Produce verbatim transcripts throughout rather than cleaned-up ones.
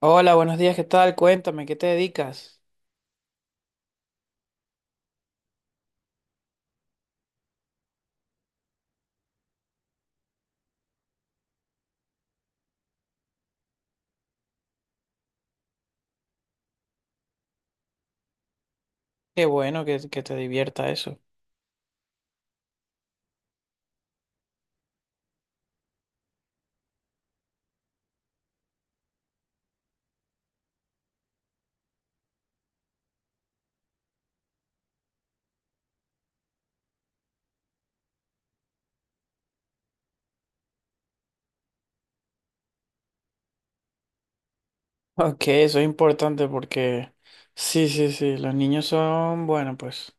Hola, buenos días, ¿qué tal? Cuéntame, ¿qué te dedicas? Qué bueno que, que te divierta eso. Ok, eso es importante porque sí, sí, sí, los niños son, bueno, pues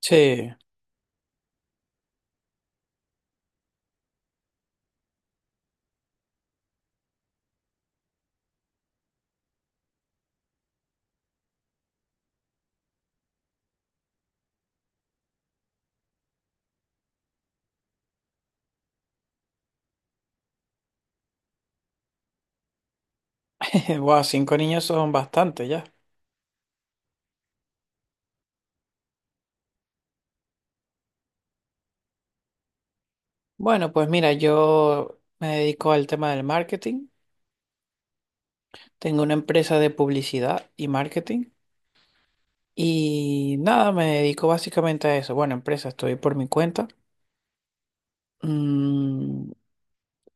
sí, wow, cinco niños son bastante ya. Bueno, pues mira, yo me dedico al tema del marketing, tengo una empresa de publicidad y marketing y nada, me dedico básicamente a eso. Bueno, empresa, estoy por mi cuenta. Mm,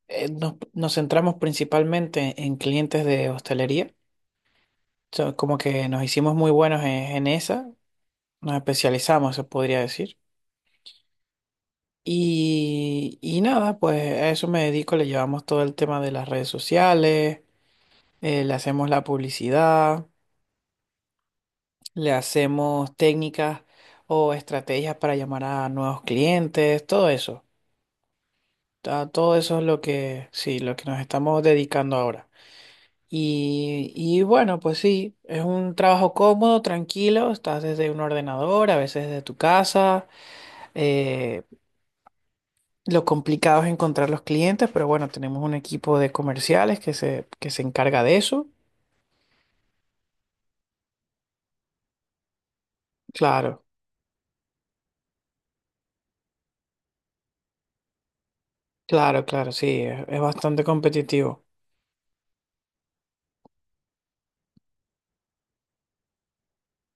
eh, nos, nos centramos principalmente en clientes de hostelería. So, como que nos hicimos muy buenos en, en esa, nos especializamos, se podría decir. Y, y nada, pues a eso me dedico, le llevamos todo el tema de las redes sociales, eh, le hacemos la publicidad, le hacemos técnicas o estrategias para llamar a nuevos clientes, todo eso. Ta- Todo eso es lo que, sí, lo que nos estamos dedicando ahora. Y, y bueno, pues sí, es un trabajo cómodo, tranquilo, estás desde un ordenador, a veces desde tu casa. Eh, lo complicado es encontrar los clientes, pero bueno, tenemos un equipo de comerciales que se, que se encarga de eso. Claro, claro, claro, sí, es, es bastante competitivo.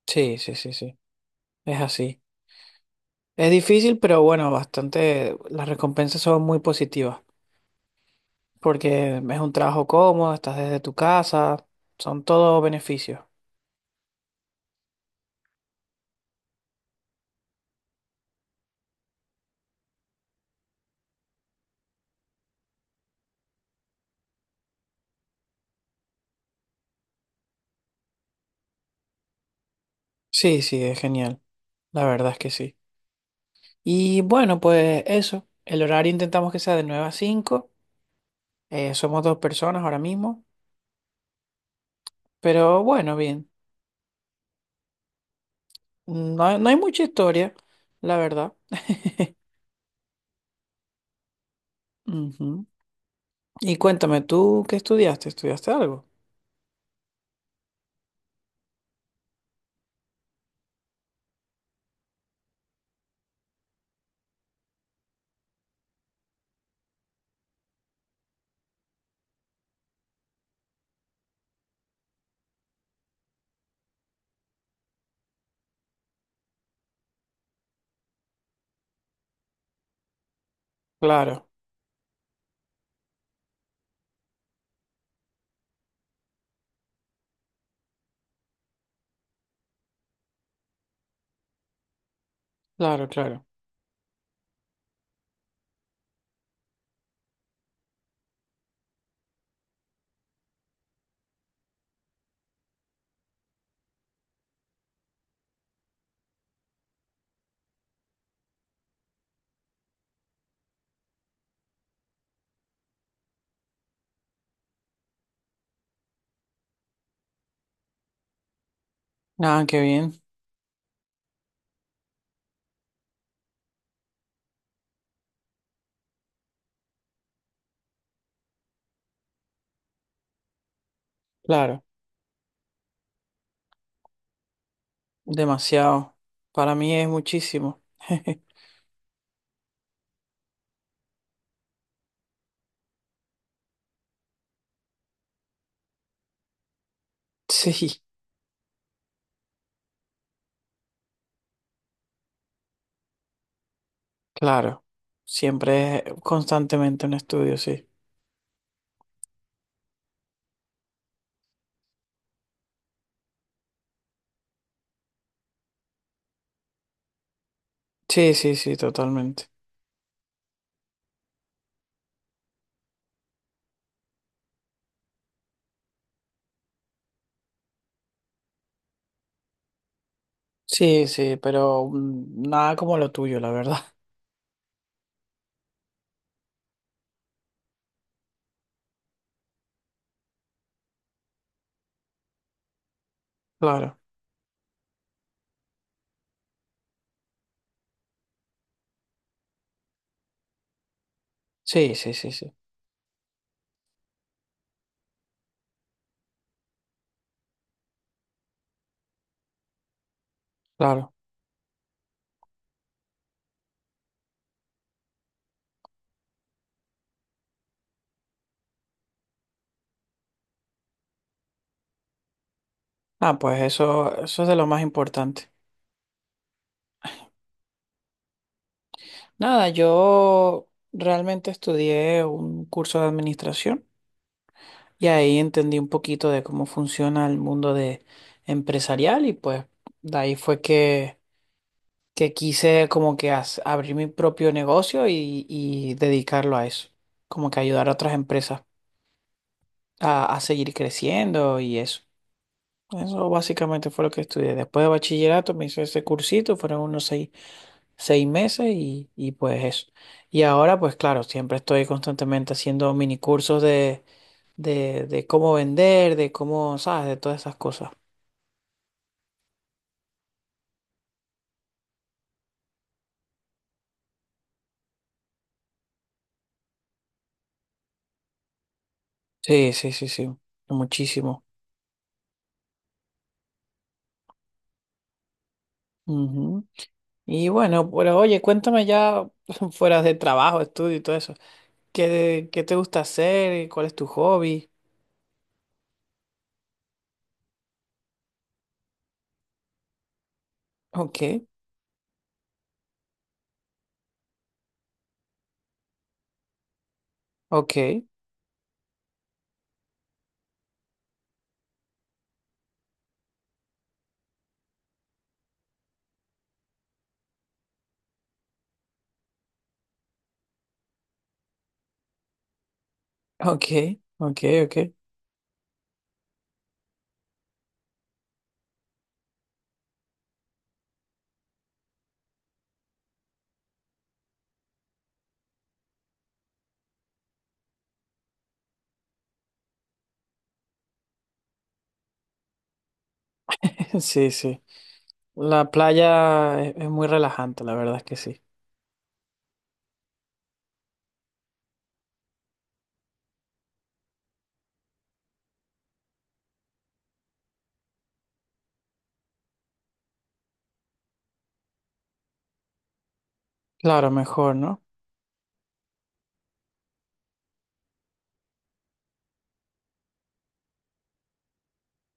Sí, sí, sí, sí, es así. Es difícil, pero bueno, bastante, las recompensas son muy positivas, porque es un trabajo cómodo, estás desde tu casa, son todos beneficios. Sí, sí, es genial. La verdad es que sí. Y bueno, pues eso, el horario intentamos que sea de nueve a cinco. Eh, somos dos personas ahora mismo, pero bueno, bien. No, hay- no hay mucha historia, la verdad. Ujú. Y cuéntame, ¿tú qué estudiaste? ¿Estudiaste algo? Claro, claro, claro. Ah, qué bien. Claro, demasiado. Para mí es muchísimo. Sí, claro. Siempre es constantemente un estudio, sí. Sí, sí, sí, totalmente. Sí, sí, pero mm, nada como lo tuyo, la verdad. Claro. Sí, sí, sí, sí. Claro. Ah, pues eso, eso es de lo más importante. Nada, yo realmente estudié un curso de administración y ahí entendí un poquito de cómo funciona el mundo de empresarial y pues de ahí fue que, que quise como que as- abrir mi propio negocio y, y dedicarlo a eso, como que ayudar a otras empresas a, a seguir creciendo y eso. Eso básicamente fue lo que estudié. Después de bachillerato me hice ese cursito, fueron unos seis seis meses y, y pues eso. Y ahora pues claro, siempre estoy constantemente haciendo mini cursos de, de, de cómo vender, de cómo, ¿sabes? De todas esas cosas. Sí, sí, sí, sí, muchísimo. Ujú. Y bueno, pero oye, cuéntame ya fuera de trabajo, estudio y todo eso. ¿Qué, qué te gusta hacer? ¿Cuál es tu hobby? Ok, ok, ok, ok, ok. Sí, sí. La playa es es muy relajante, la verdad es que sí. Claro, mejor, ¿no?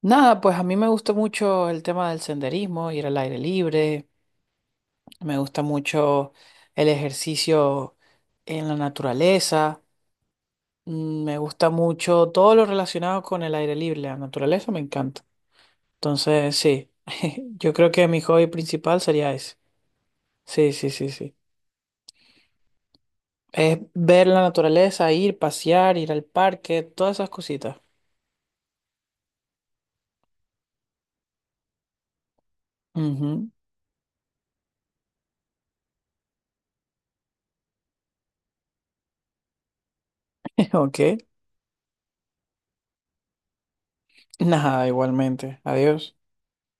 Nada, pues a mí me gusta mucho el tema del senderismo, ir al aire libre, me gusta mucho el ejercicio en la naturaleza, mm, me gusta mucho todo lo relacionado con el aire libre, la naturaleza me encanta. Entonces, sí, yo creo que mi hobby principal sería ese. Sí, sí, sí, sí. Es ver la naturaleza, ir, pasear, ir al parque, todas esas cositas. Ujú. Ok. Nada, igualmente. Adiós.